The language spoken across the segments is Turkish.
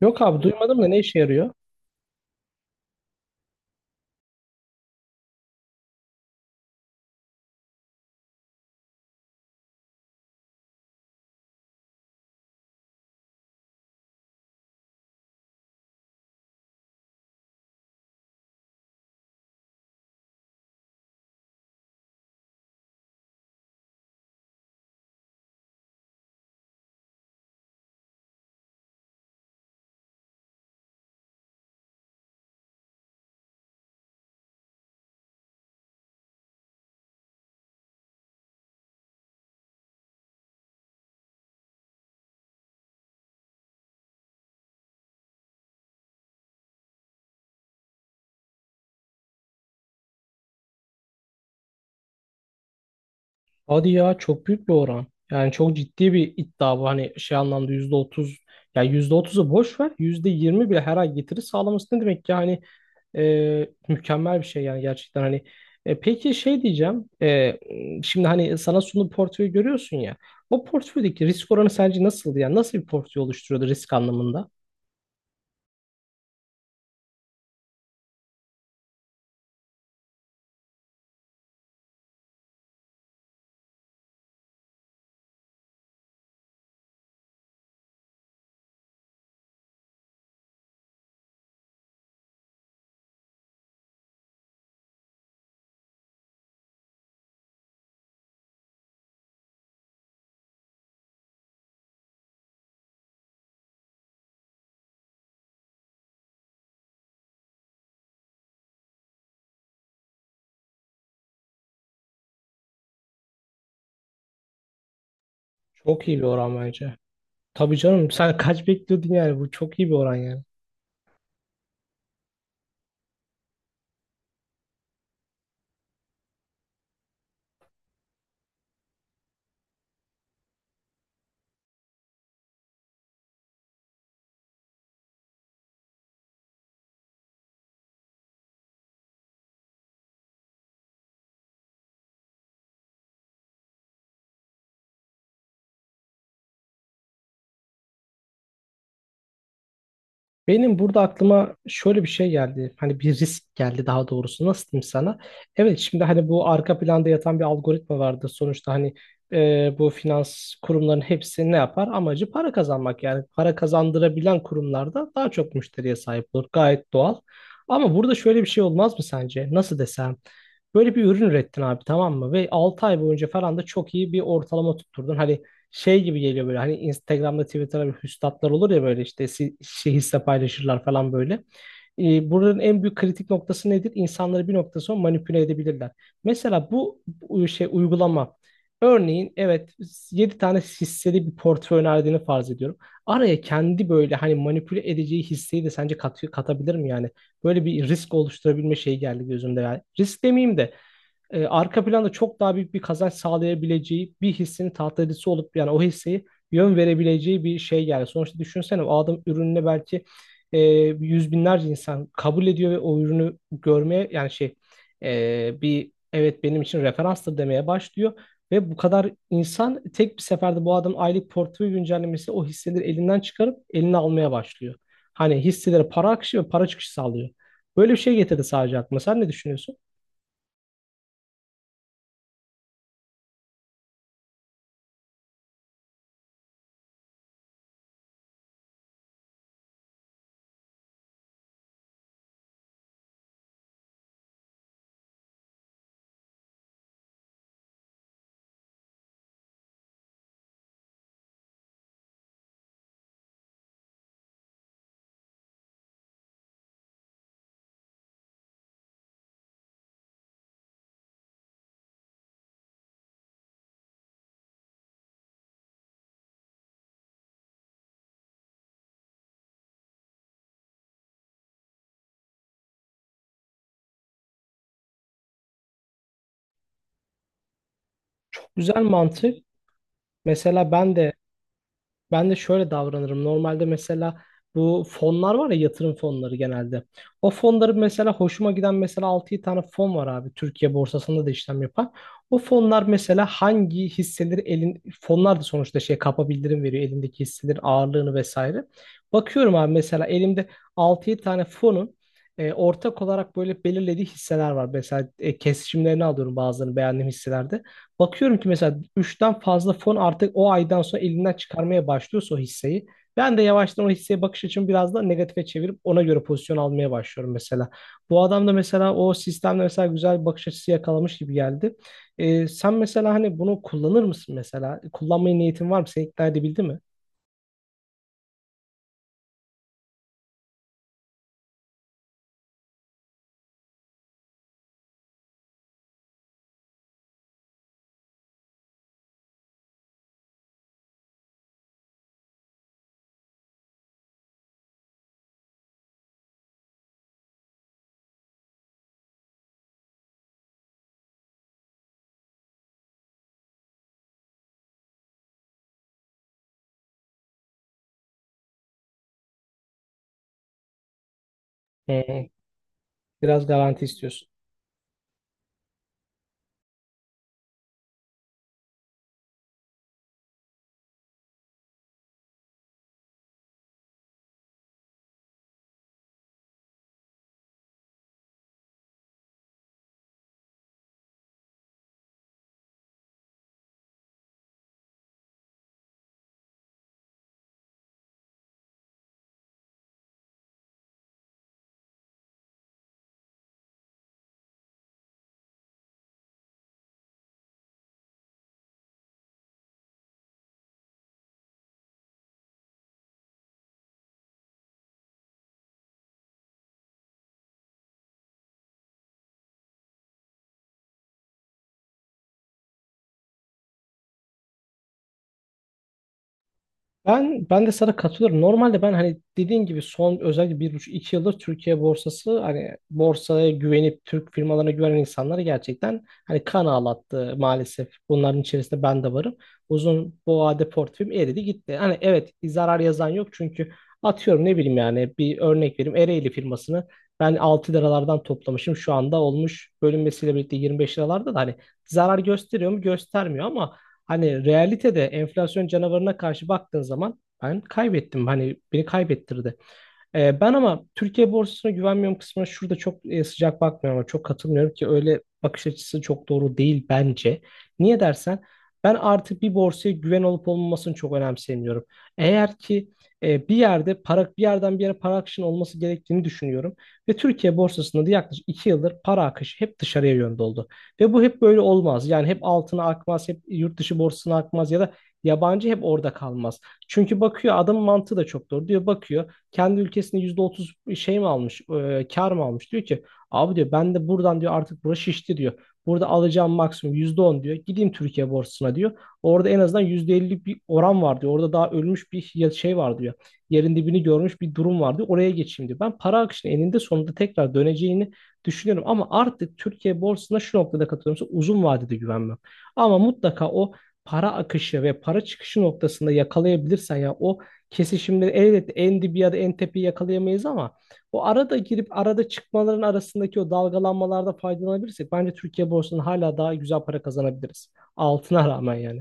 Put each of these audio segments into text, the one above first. Yok abi duymadım da ne işe yarıyor? Hadi ya, çok büyük bir oran. Yani çok ciddi bir iddia bu. Hani şey anlamda %30, ya %30'u boş ver, %20 bile her ay getiri sağlaması ne demek ki? Hani mükemmel bir şey yani gerçekten hani. Peki şey diyeceğim. Şimdi hani sana sunduğu portföyü görüyorsun ya. O portföydeki risk oranı sence nasıldı? Yani nasıl bir portföy oluşturuyordu risk anlamında? Çok iyi bir oran bence. Tabii canım, sen kaç bekliyordun, yani bu çok iyi bir oran yani. Benim burada aklıma şöyle bir şey geldi. Hani bir risk geldi daha doğrusu. Nasıl diyeyim sana? Evet, şimdi hani bu arka planda yatan bir algoritma vardır. Sonuçta hani bu finans kurumlarının hepsi ne yapar? Amacı para kazanmak. Yani para kazandırabilen kurumlarda daha çok müşteriye sahip olur. Gayet doğal. Ama burada şöyle bir şey olmaz mı sence? Nasıl desem? Böyle bir ürün ürettin abi, tamam mı? Ve 6 ay boyunca falan da çok iyi bir ortalama tutturdun. Hani şey gibi geliyor, böyle hani Instagram'da Twitter'da bir hüstatlar olur ya, böyle işte şey hisse paylaşırlar falan böyle. Buranın en büyük kritik noktası nedir? İnsanları bir nokta sonra manipüle edebilirler. Mesela bu şey uygulama örneğin, evet, 7 tane hisseli bir portföy önerdiğini farz ediyorum. Araya kendi böyle hani manipüle edeceği hisseyi de sence katabilir mi yani? Böyle bir risk oluşturabilme şeyi geldi gözümde yani. Risk demeyeyim de arka planda çok daha büyük bir kazanç sağlayabileceği bir hissenin tahtacısı olup yani o hisseyi yön verebileceği bir şey yani. Sonuçta düşünsene, o adam ürününe belki e, yüz binlerce insan kabul ediyor ve o ürünü görmeye yani şey, bir evet benim için referanstır demeye başlıyor. Ve bu kadar insan tek bir seferde bu adamın aylık portföy güncellemesi o hisseleri elinden çıkarıp eline almaya başlıyor. Hani hisselere para akışı ve para çıkışı sağlıyor. Böyle bir şey getirdi sadece aklıma. Sen ne düşünüyorsun? Güzel mantık. Mesela ben de şöyle davranırım. Normalde mesela bu fonlar var ya, yatırım fonları genelde. O fonların mesela hoşuma giden mesela 6 tane fon var abi. Türkiye borsasında da işlem yapan. O fonlar mesela hangi hisseleri elin, fonlar da sonuçta şey kapa bildirim veriyor, elindeki hisselerin ağırlığını vesaire. Bakıyorum abi, mesela elimde 6 tane fonun ortak olarak böyle belirlediği hisseler var. Mesela kesişimlerini alıyorum bazılarını beğendiğim hisselerde. Bakıyorum ki mesela üçten fazla fon artık o aydan sonra elinden çıkarmaya başlıyorsa o hisseyi. Ben de yavaştan o hisseye bakış açımı biraz da negatife çevirip ona göre pozisyon almaya başlıyorum mesela. Bu adam da mesela o sistemde mesela güzel bir bakış açısı yakalamış gibi geldi. Sen mesela hani bunu kullanır mısın mesela? Kullanmaya niyetin var mı? Seni ikna edebildi mi? Hı hı. Biraz garanti istiyorsun. Ben de sana katılıyorum. Normalde ben hani dediğin gibi, son özellikle bir buçuk iki yıldır Türkiye borsası, hani borsaya güvenip Türk firmalarına güvenen insanları gerçekten hani kan ağlattı maalesef. Bunların içerisinde ben de varım. Uzun bu vade portföyüm eridi gitti. Hani evet, zarar yazan yok çünkü atıyorum, ne bileyim, yani bir örnek vereyim, Ereğli firmasını ben 6 liralardan toplamışım, şu anda olmuş bölünmesiyle birlikte 25 liralarda da, hani zarar gösteriyor mu, göstermiyor, ama hani realitede enflasyon canavarına karşı baktığın zaman ben kaybettim. Hani beni kaybettirdi. Ben ama Türkiye borsasına güvenmiyorum kısmına şurada çok sıcak bakmıyorum, ama çok katılmıyorum ki, öyle bakış açısı çok doğru değil bence. Niye dersen, ben artık bir borsaya güven olup olmamasını çok önemsemiyorum. Eğer ki bir yerde para, bir yerden bir yere para akışının olması gerektiğini düşünüyorum ve Türkiye borsasında da yaklaşık 2 yıldır para akışı hep dışarıya yönde oldu. Ve bu hep böyle olmaz. Yani hep altına akmaz, hep yurt dışı borsasına akmaz ya da yabancı hep orada kalmaz. Çünkü bakıyor, adamın mantığı da çok doğru, diyor, bakıyor kendi ülkesinde %30 şey mi almış, kar mı almış? Diyor ki abi, diyor, ben de buradan diyor artık, burası şişti diyor. Burada alacağım maksimum %10, diyor. Gideyim Türkiye borsasına, diyor. Orada en azından %50'lik bir oran var, diyor. Orada daha ölmüş bir şey var, diyor. Yerin dibini görmüş bir durum var, diyor. Oraya geçeyim, diyor. Ben para akışının eninde sonunda tekrar döneceğini düşünüyorum. Ama artık Türkiye borsasına şu noktada katılıyorum, uzun vadede güvenmem. Ama mutlaka o para akışı ve para çıkışı noktasında yakalayabilirsen ya, o kesişimleri, elbette en dibi ya da en tepeyi yakalayamayız ama o arada girip arada çıkmaların arasındaki o dalgalanmalarda faydalanabilirsek bence Türkiye borsasından hala daha güzel para kazanabiliriz. Altına rağmen yani.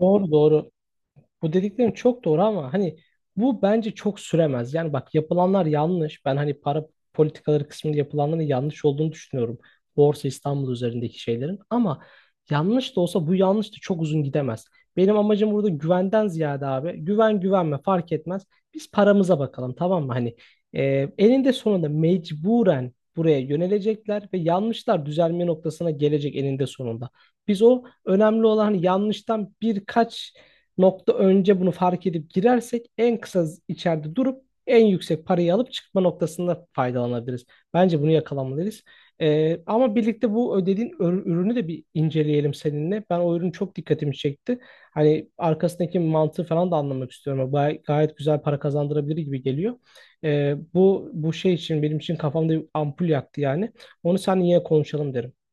Doğru doğru. Bu dediklerin çok doğru ama hani bu bence çok süremez. Yani bak, yapılanlar yanlış. Ben hani para politikaları kısmında yapılanların yanlış olduğunu düşünüyorum. Borsa İstanbul üzerindeki şeylerin. Ama yanlış da olsa bu yanlış da çok uzun gidemez. Benim amacım burada güvenden ziyade abi. Güven güvenme fark etmez. Biz paramıza bakalım, tamam mı? Hani e, eninde sonunda mecburen buraya yönelecekler ve yanlışlar düzelme noktasına gelecek eninde sonunda. Biz, o önemli olan, hani yanlıştan birkaç nokta önce bunu fark edip girersek en kısa içeride durup en yüksek parayı alıp çıkma noktasında faydalanabiliriz. Bence bunu yakalamalıyız. Ama birlikte bu ödediğin ürünü de bir inceleyelim seninle. Ben o ürün çok dikkatimi çekti. Hani arkasındaki mantığı falan da anlamak istiyorum. Gayet güzel para kazandırabilir gibi geliyor. Bu şey için benim için kafamda bir ampul yaktı yani. Onu sen yine konuşalım derim.